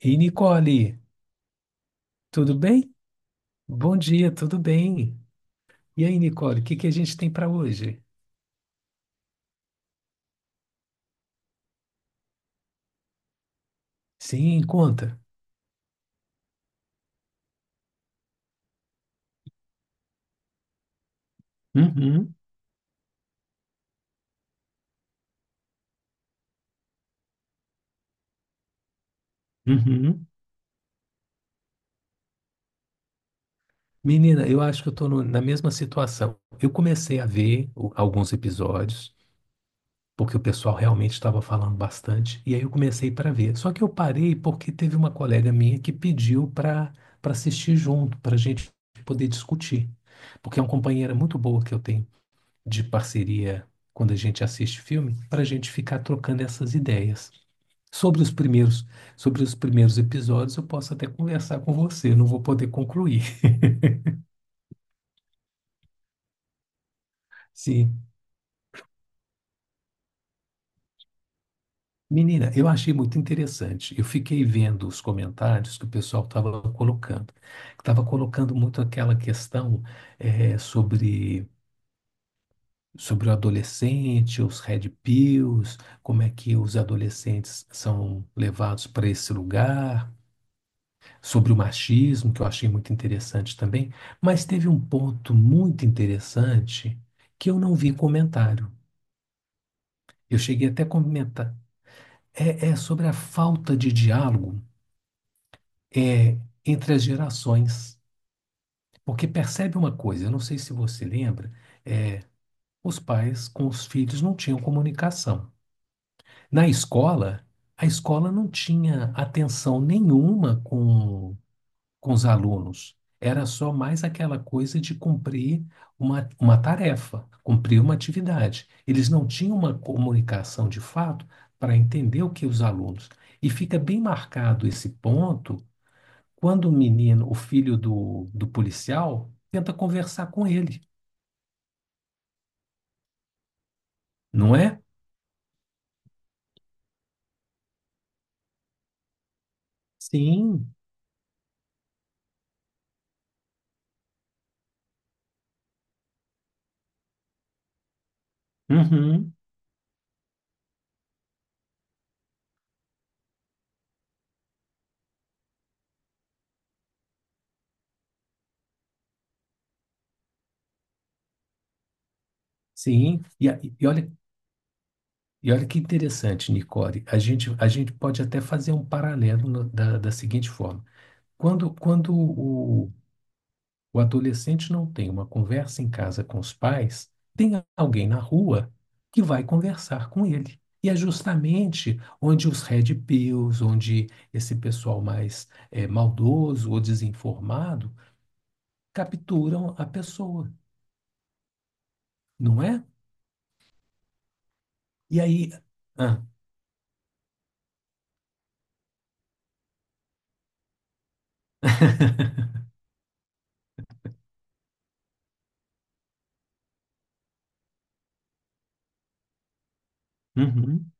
Ei, Nicole, tudo bem? Bom dia, tudo bem. E aí, Nicole, o que que a gente tem para hoje? Sim, conta. Uhum, uhum. Menina, eu acho que eu estou na mesma situação. Eu comecei a ver o- Alguns episódios, porque o pessoal realmente estava falando bastante, e aí eu comecei para ver. Só que eu parei porque teve uma colega minha que pediu para assistir junto, para a gente poder discutir. Porque é uma companheira muito boa que eu tenho de parceria quando a gente assiste filme, para a gente ficar trocando essas ideias. Sobre os primeiros, Sobre os primeiros episódios, eu posso até conversar com você, não vou poder concluir. Sim. Menina, eu achei muito interessante. Eu fiquei vendo os comentários que o pessoal estava colocando. Estava colocando muito aquela questão eh, sobre, sobre o adolescente, os red pills, como é que os adolescentes são levados para esse lugar, sobre o machismo, que eu achei muito interessante também, mas teve um ponto muito interessante que eu não vi comentário. Eu cheguei até a comentar. É, é sobre a falta de diálogo, é, entre as gerações. Porque percebe uma coisa, eu não sei se você lembra, os pais com os filhos não tinham comunicação. Na escola, a escola não tinha atenção nenhuma com os alunos. Era só mais aquela coisa de cumprir uma tarefa, cumprir uma atividade. Eles não tinham uma comunicação de fato para entender o que os alunos. E fica bem marcado esse ponto quando o menino, o filho do policial, tenta conversar com ele, não é? Sim, uhum, sim. E olha, e olha que interessante, Nicole. A gente pode até fazer um paralelo da seguinte forma. Quando, quando o, O adolescente não tem uma conversa em casa com os pais, tem alguém na rua que vai conversar com ele. E é justamente onde os red pills, onde esse pessoal mais maldoso ou desinformado capturam a pessoa, não é? E aí. Ah, uhum,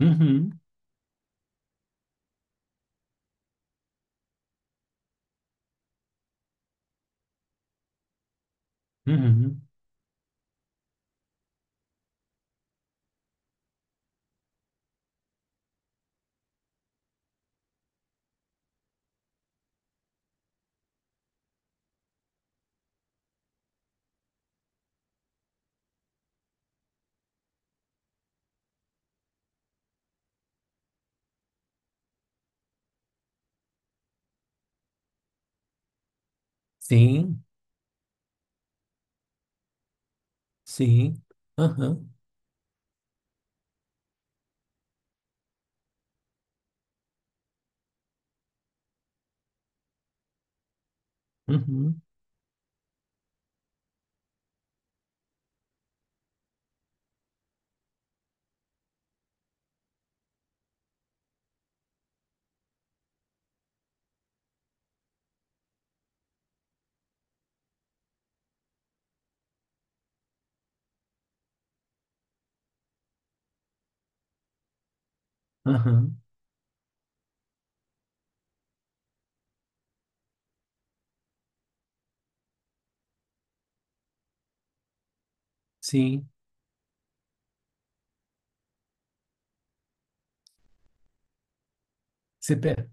uhum, uhum. Sim, sim, aham, uhum, aham, sim. Você pe-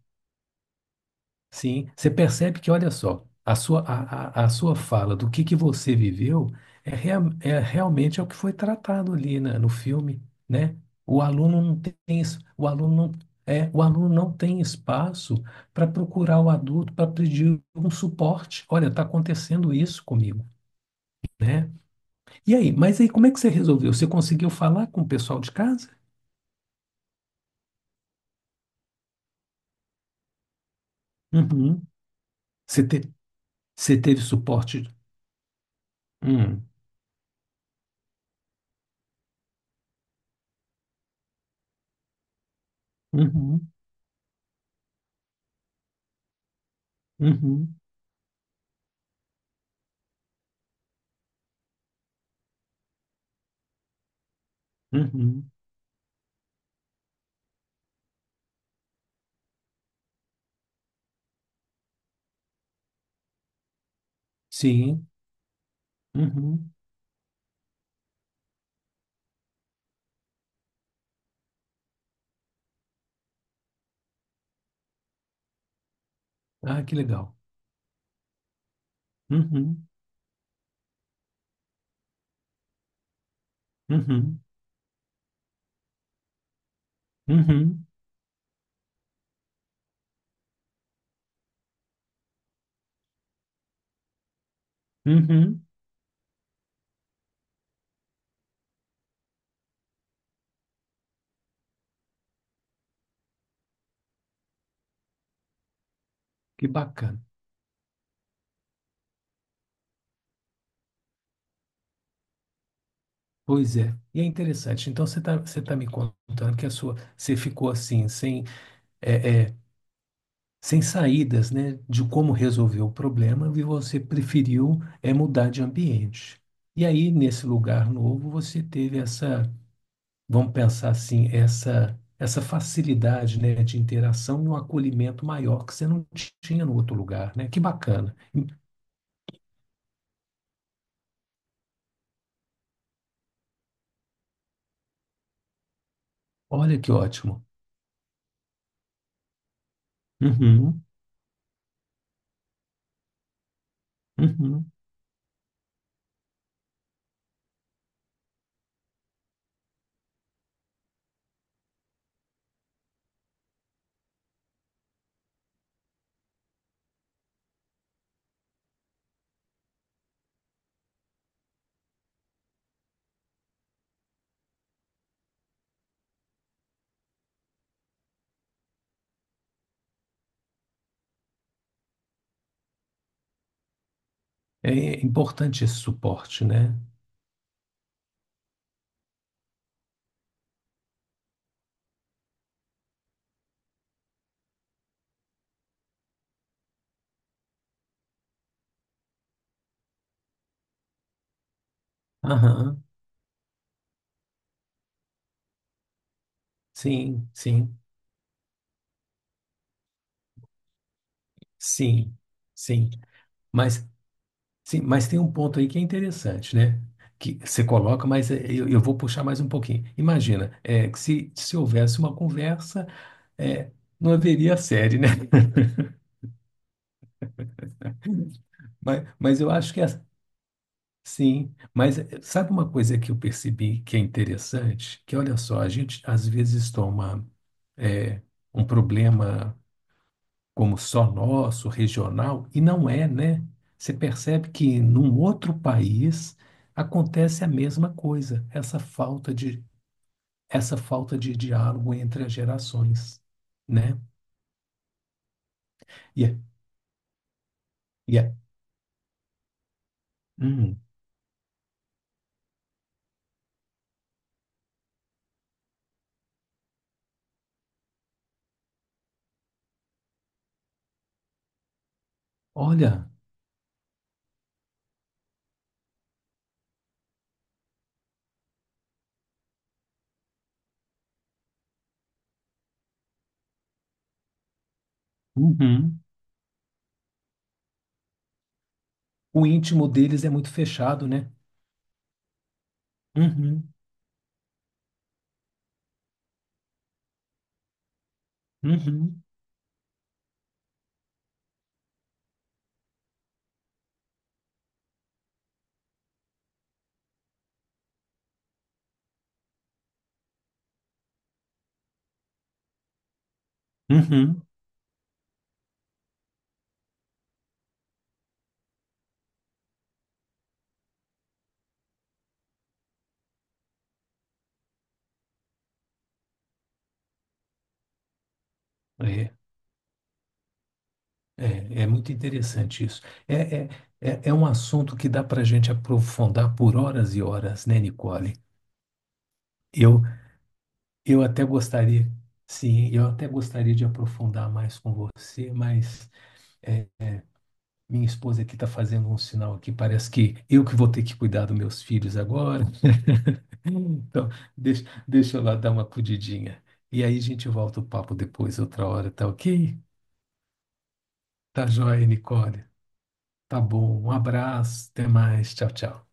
Sim, você percebe que, olha só, a sua fala do que você viveu é, é realmente é o que foi tratado ali no filme, né? O aluno não tem, es- o aluno não, é, o aluno não tem espaço para procurar o adulto para pedir um suporte. Olha, está acontecendo isso comigo, né? E aí, mas aí como é que você resolveu? Você conseguiu falar com o pessoal de casa? Uhum. Você, te, você teve suporte? Hum. Uhum. Uhum. Uhum. Sim. Uhum. Ah, que legal. Uhum. Uhum. Uhum. Uhum. Que bacana. Pois é. E é interessante. Então você tá me contando que a sua você ficou assim, sem é, é, sem saídas, né, de como resolver o problema, e você preferiu é mudar de ambiente. E aí nesse lugar novo você teve essa, vamos pensar assim, essa essa facilidade, né, de interação e um acolhimento maior que você não tinha no outro lugar, né? Que bacana. Olha que ótimo. Uhum, uhum. É importante esse suporte, né? Aham, sim, sim, sim, sim. Mas, sim, mas tem um ponto aí que é interessante, né? Que você coloca, mas é, eu vou puxar mais um pouquinho. Imagina, é, que se houvesse uma conversa, é, não haveria série, né? Mas eu acho que é, sim. Mas é, sabe uma coisa que eu percebi que é interessante? Que olha só, a gente às vezes toma é, um problema, como só nosso, regional, e não é, né? Você percebe que num outro país acontece a mesma coisa, essa falta de diálogo entre as gerações, né? E, é- e é- hum, olha, uhum, o íntimo deles é muito fechado, né? Uhum, uhum, uhum. É, é, é muito interessante isso. É, é, é é um assunto que dá para a gente aprofundar por horas e horas, né, Nicole? Eu, Eu até gostaria, sim, eu até gostaria de aprofundar mais com você, mas é, minha esposa aqui está fazendo um sinal aqui, parece que eu que vou ter que cuidar dos meus filhos agora. Então, deixa eu lá dar uma acudidinha. E aí a gente volta o papo depois, outra hora, tá ok? Tá joia, Nicole. Tá bom, um abraço, até mais, tchau, tchau.